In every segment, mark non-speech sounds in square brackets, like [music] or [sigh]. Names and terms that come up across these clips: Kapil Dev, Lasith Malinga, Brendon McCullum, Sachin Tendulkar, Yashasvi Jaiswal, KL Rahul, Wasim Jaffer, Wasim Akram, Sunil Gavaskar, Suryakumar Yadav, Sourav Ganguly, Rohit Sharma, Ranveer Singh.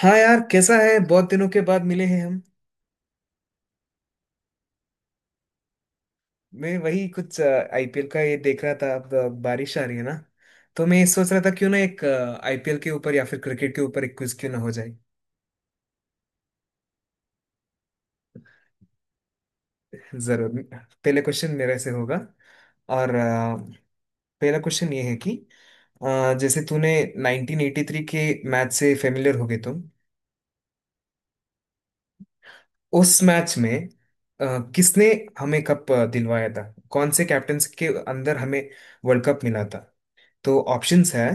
हाँ यार, कैसा है? बहुत दिनों के बाद मिले हैं हम। मैं वही कुछ आईपीएल का ये देख रहा था। अब बारिश आ रही है ना। तो मैं सोच रहा था क्यों ना एक आईपीएल के ऊपर या फिर क्रिकेट के ऊपर एक क्विज क्यों ना हो जाए। [laughs] जरूर, पहले क्वेश्चन मेरे से होगा। और पहला क्वेश्चन ये है कि जैसे तूने 1983 के मैच से फेमिलियर हो गए तुम। उस मैच में किसने हमें कप दिलवाया था? कौन से कैप्टन के अंदर हमें वर्ल्ड कप मिला था? तो ऑप्शंस है।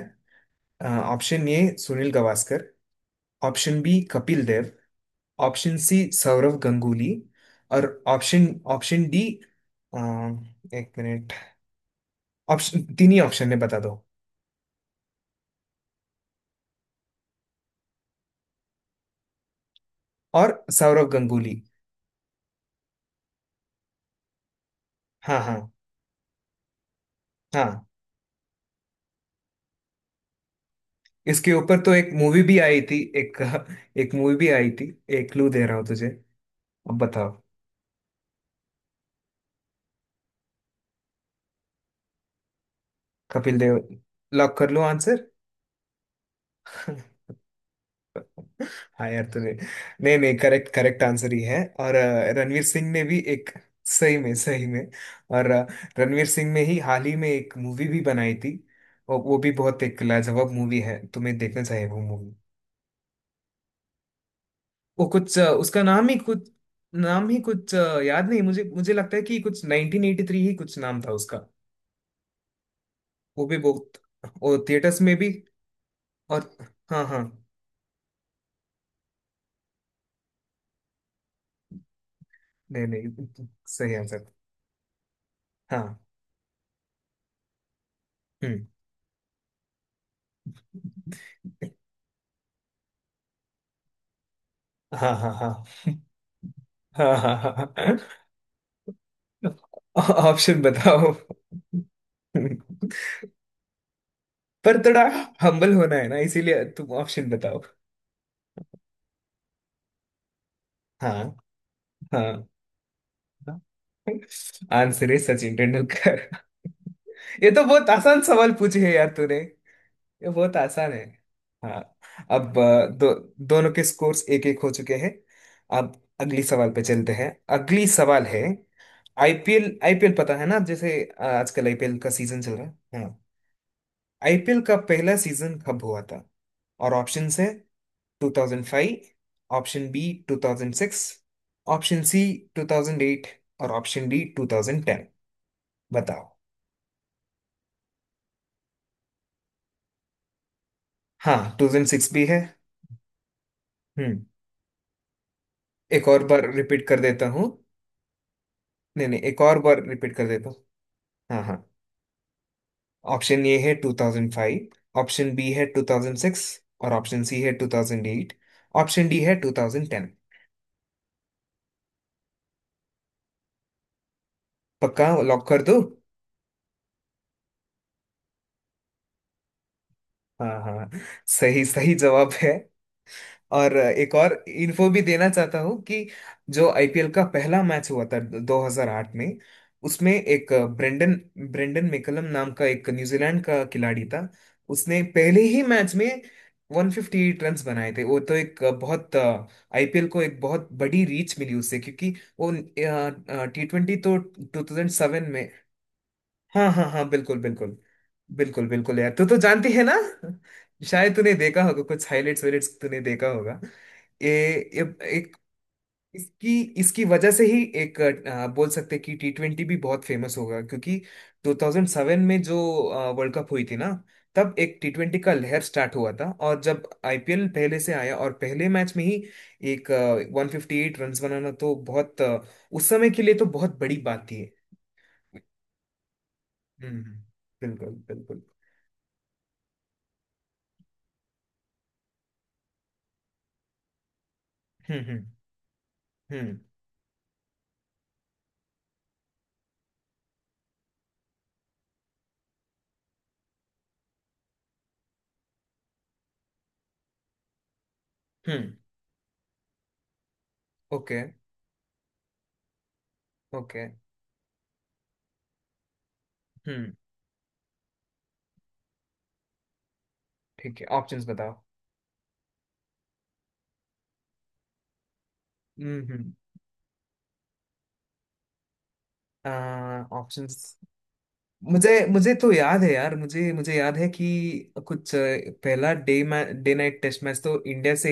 Option A, Sunil Gavaskar. Option B, Kapil Dev. Option C, Sourav Ganguly. और ऑप्शन ऑप्शन डी। अ, एक मिनट। ऑप्शन तीन ही ऑप्शन है, बता दो। और सौरव गंगुली। हाँ हाँ हाँ। इसके ऊपर तो एक मूवी भी आई थी, एक एक मूवी भी आई थी। एक क्लू दे रहा हूँ तुझे, अब बताओ। कपिल देव, लॉक कर लो आंसर। हाँ यार, तूने। नहीं नहीं, करेक्ट करेक्ट आंसर ही है। और रणवीर सिंह ने भी एक। सही में? सही में। और रणवीर सिंह ने ही हाल ही में एक मूवी भी बनाई थी। और वो भी बहुत एक लाजवाब मूवी है, तुम्हें देखना चाहिए वो मूवी। वो कुछ उसका नाम ही कुछ, नाम ही कुछ याद नहीं। मुझे मुझे लगता है कि कुछ 1983 ही कुछ नाम था उसका। वो भी बहुत, वो थिएटर्स में भी। और हाँ हाँ। नहीं नहीं, सही आंसर। हाँ। हम्म। हाँ हाँ हाँ हाँ हाँ हाँ। ऑप्शन बताओ। पर थोड़ा हम्बल होना है ना, इसीलिए तुम ऑप्शन बताओ। हाँ हाँ। आंसर है सचिन तेंदुलकर। ये तो बहुत आसान सवाल पूछे है यार तूने। ये बहुत आसान है। हाँ। अब दोनों के स्कोर्स एक एक हो चुके हैं। अब अगली सवाल पे चलते हैं। अगली सवाल है आईपीएल। आईपीएल पता है ना? जैसे आजकल आईपीएल का सीजन चल रहा है, हाँ। आईपीएल का पहला सीजन कब हुआ था? और ऑप्शंस है 2005, ऑप्शन बी 2006, ऑप्शन सी 2008, और ऑप्शन डी 2010। बताओ। हाँ, 2006 भी है। हम्म। एक और बार रिपीट कर देता हूँ। नहीं नहीं, एक और बार रिपीट कर देता हूँ। हाँ हाँ। ऑप्शन ए है 2005, ऑप्शन बी है 2006, और ऑप्शन सी है 2008, ऑप्शन डी है 2010। पक्का लॉक कर दो। हाँ हाँ, सही सही जवाब है। और एक और इन्फो भी देना चाहता हूँ कि जो आईपीएल का पहला मैच हुआ था 2008 में, उसमें एक ब्रेंडन ब्रेंडन मैकलम नाम का एक न्यूजीलैंड का खिलाड़ी था। उसने पहले ही मैच में 158 रन्स बनाए थे। वो तो एक बहुत, आईपीएल को एक बहुत बड़ी रीच मिली उससे क्योंकि वो टी ट्वेंटी तो 2007 में। हाँ हाँ हाँ, बिल्कुल बिल्कुल बिल्कुल बिल्कुल यार, तू तो जानती है ना। [laughs] शायद तूने देखा होगा कुछ हाइलाइट्स वाइलाइट्स तूने देखा होगा। ए, ए, एक। इसकी इसकी वजह से ही एक बोल सकते हैं कि टी ट्वेंटी भी बहुत फेमस होगा क्योंकि 2007 में जो वर्ल्ड कप हुई थी ना, तब एक टी ट्वेंटी का लहर स्टार्ट हुआ था और जब आईपीएल पहले से आया और पहले मैच में ही एक 158 रन बनाना तो बहुत उस समय के लिए तो बहुत बड़ी बात थी। हम्म हम्म, बिल्कुल बिल्कुल। हम्म हम्म हम्म हम्म। ओके। ओके। हम्म। ठीक है, ऑप्शंस बताओ। हम्म। ऑप्शंस। मुझे मुझे तो याद है यार, मुझे मुझे याद है कि कुछ पहला day day night test match तो इंडिया से,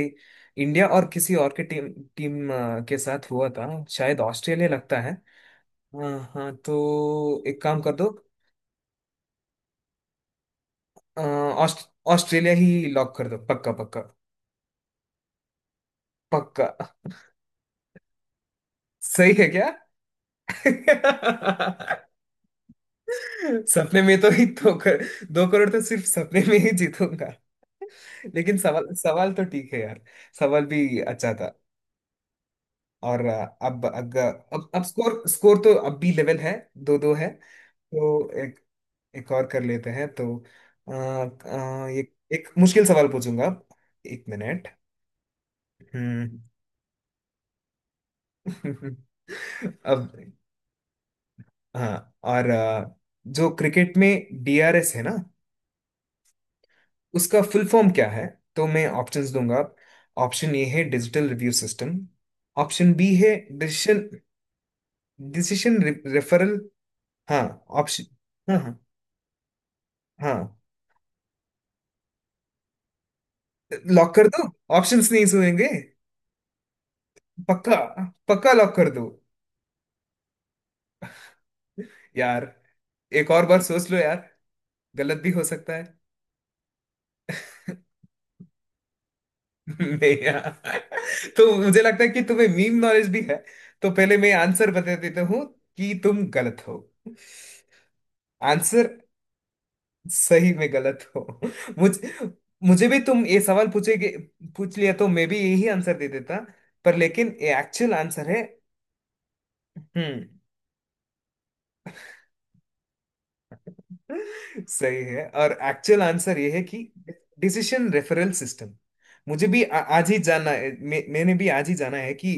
इंडिया और किसी और के टीम टीम के साथ हुआ था, शायद ऑस्ट्रेलिया लगता है। हाँ हाँ, तो एक काम कर दो। अ, ऑस्ट- ऑस्ट्रेलिया ही लॉक कर दो, पक्का पक्का। पक्का। सही है क्या? [laughs] सपने में तो ही 2 करोड़ तो सिर्फ सपने में ही जीतूंगा। [laughs] लेकिन सवाल, सवाल तो ठीक है यार। सवाल भी अच्छा था। और अब अब। अब स्कोर स्कोर तो अब भी लेवल है, दो दो है। तो एक एक और कर लेते हैं तो। अ, एक एक मुश्किल सवाल पूछूंगा अब। एक मिनट। हम्म। [laughs] अब, हाँ और जो क्रिकेट में डीआरएस है ना, उसका फुल फॉर्म क्या है? तो मैं ऑप्शंस दूंगा। ऑप्शन ए है digital review system. Option B है डिसीशन डिसीशन रेफरल। हाँ, ऑप्शन। हाँ हाँ हाँ, लॉक कर दो। ऑप्शंस नहीं सुनेंगे। पक्का। पक्का लॉक कर दो यार, एक और बार सोच लो यार, गलत भी हो सकता है। [laughs] नहीं यार, तो मुझे लगता है कि तुम्हें मीम नॉलेज भी है। तो पहले मैं आंसर बता देता हूँ कि तुम गलत हो। आंसर, सही में गलत हो। [laughs] मुझ मुझे भी तुम ये सवाल पूछेगे, पूछ लिया तो मैं भी यही आंसर दे देता। पर लेकिन ये एक्चुअल आंसर है। हम्म। सही है। और एक्चुअल आंसर ये है कि डिसीजन रेफरल सिस्टम। मुझे भी आज ही जाना है, मैंने भी आज ही जाना है कि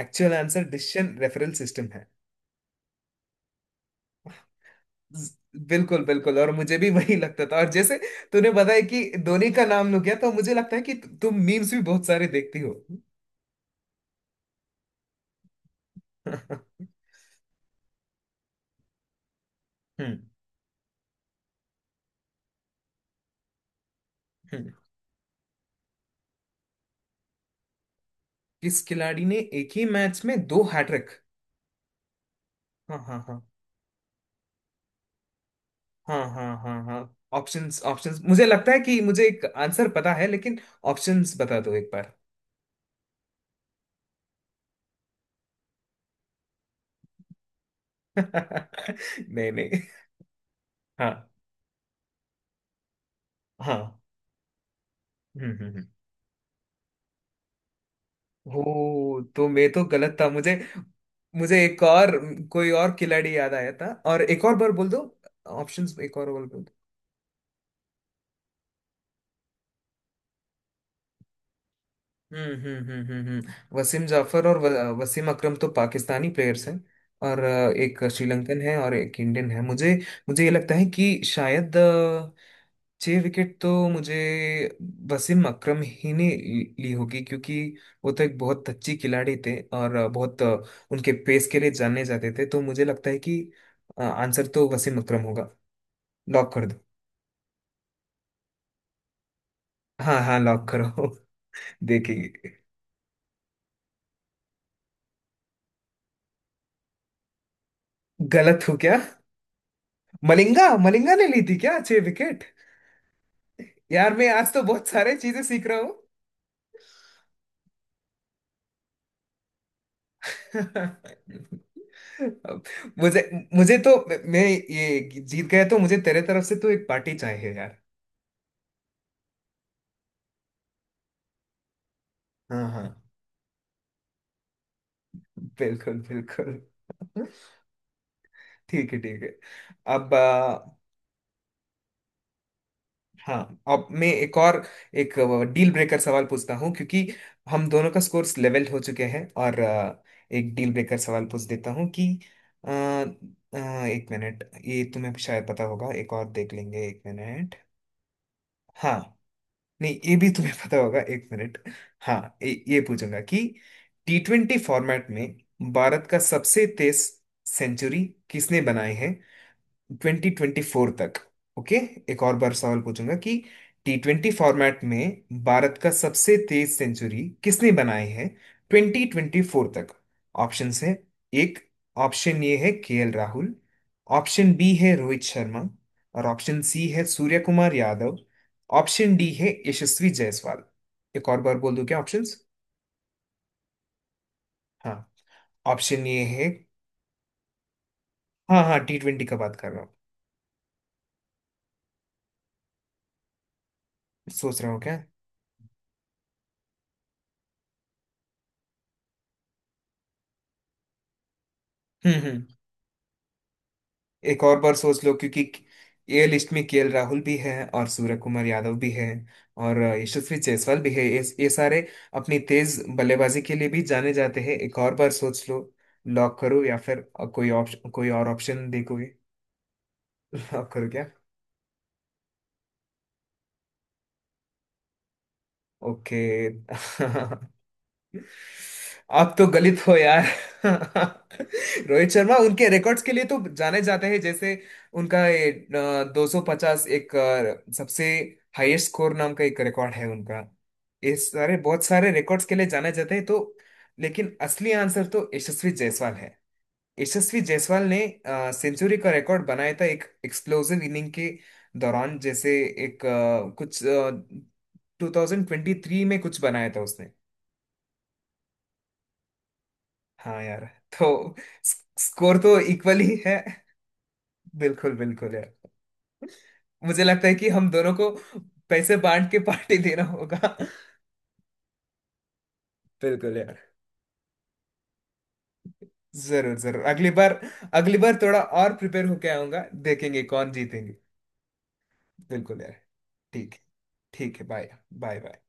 actual answer decision referral system है। ज- बिल्कुल बिल्कुल। और मुझे भी वही लगता था। और जैसे तूने बताया कि धोनी का नाम लग गया, तो मुझे लगता है कि तुम मीम्स भी बहुत सारे देखती हो। [laughs] हम्म हम्म। किस खिलाड़ी ने एक ही मैच में दो हैट्रिक? हाँ हाँ हाँ हाँ हाँ हाँ हाँ। ऑप्शंस ऑप्शंस, मुझे लगता है कि मुझे एक आंसर पता है, लेकिन ऑप्शंस बता दो एक बार। [laughs] नहीं नहीं। हाँ। हाँ। हम्म हम्म हम्म। ओ, तो मैं तो गलत था। मुझे मुझे एक और कोई और खिलाड़ी याद आया था, और एक और बार बोल दो। ऑप्शंस एक और बार बोल दो। वसीम जाफर और वसीम अकरम तो पाकिस्तानी प्लेयर्स हैं। और एक श्रीलंकन है और एक इंडियन है। मुझे मुझे ये लगता है कि शायद छह विकेट तो मुझे वसीम अकरम ही ने ली ली होगी क्योंकि वो तो एक बहुत अच्छी खिलाड़ी थे और बहुत उनके पेस के लिए जाने जाते थे, तो मुझे लगता है कि आंसर तो वसीम अकरम होगा। लॉक कर दो। हाँ हाँ, लॉक करो। [laughs] देखेंगे। गलत हूँ क्या? मलिंगा, मलिंगा ने ली थी क्या छह विकेट? यार मैं आज तो बहुत सारे चीजें सीख रहा हूँ। [laughs] अब मुझे मुझे तो, मैं ये जीत गया तो मुझे तेरे तरफ से तो एक पार्टी चाहिए यार। हाँ हाँ। बिल्कुल बिल्कुल। ठीक है, ठीक है। अब हाँ, अब मैं एक और एक डील ब्रेकर सवाल पूछता हूँ क्योंकि हम दोनों का स्कोर्स लेवल हो चुके हैं, और एक डील ब्रेकर सवाल पूछ देता हूँ कि अ, अ, एक मिनट, ये तुम्हें शायद पता होगा, एक और देख लेंगे। एक मिनट। हाँ। नहीं, ये भी तुम्हें पता होगा। एक मिनट। हाँ, ये पूछूंगा कि टी ट्वेंटी फॉर्मेट में भारत का सबसे तेज सेंचुरी किसने बनाई है, 2024 तक? ओके। एक और बार सवाल पूछूंगा कि टी ट्वेंटी फॉर्मेट में भारत का सबसे तेज सेंचुरी किसने बनाई है, ट्वेंटी ट्वेंटी फोर तक? ऑप्शंस हैं एक, ऑप्शन ए है K L Rahul, option B है रोहित शर्मा, और ऑप्शन सी है सूर्य कुमार यादव, ऑप्शन डी है यशस्वी जायसवाल। एक और बार बोल दूं क्या ऑप्शंस? हाँ। ऑप्शन ए है। हाँ हाँ, टी ट्वेंटी का बात कर रहा हूँ। सोच रहा हूँ क्या। हम्म। एक और बार सोच लो क्योंकि ये लिस्ट में केएल राहुल भी है, और सूर्य कुमार यादव भी है, और यशस्वी जायसवाल भी है। ये सारे अपनी तेज बल्लेबाजी के लिए भी जाने जाते हैं, एक और बार सोच लो। लॉक करो या फिर कोई और ऑप्शन देखोगे? [laughs] लॉक करो क्या? ओके। [laughs] आप तो गलत हो यार। [laughs] रोहित शर्मा उनके रिकॉर्ड्स के लिए तो जाने जाते हैं, जैसे उनका ये 250 एक सबसे हाईएस्ट स्कोर नाम का एक रिकॉर्ड है उनका। ये सारे बहुत सारे रिकॉर्ड्स के लिए जाने जाते हैं, तो लेकिन असली आंसर तो यशस्वी जायसवाल है। यशस्वी जायसवाल ने सेंचुरी का रिकॉर्ड बनाया था एक एक्सप्लोसिव इनिंग के दौरान, जैसे एक कुछ 2023 में कुछ बनाया था उसने। हाँ यार, तो स्कोर तो इक्वल ही है। बिल्कुल बिल्कुल यार। मुझे लगता है कि हम दोनों को पैसे बांट के पार्टी देना होगा। बिल्कुल यार। जरूर जरूर, अगली बार, अगली बार थोड़ा और प्रिपेयर होके आऊंगा। देखेंगे कौन जीतेंगे। बिल्कुल यार। ठीक, ठीक है, बाय बाय बाय।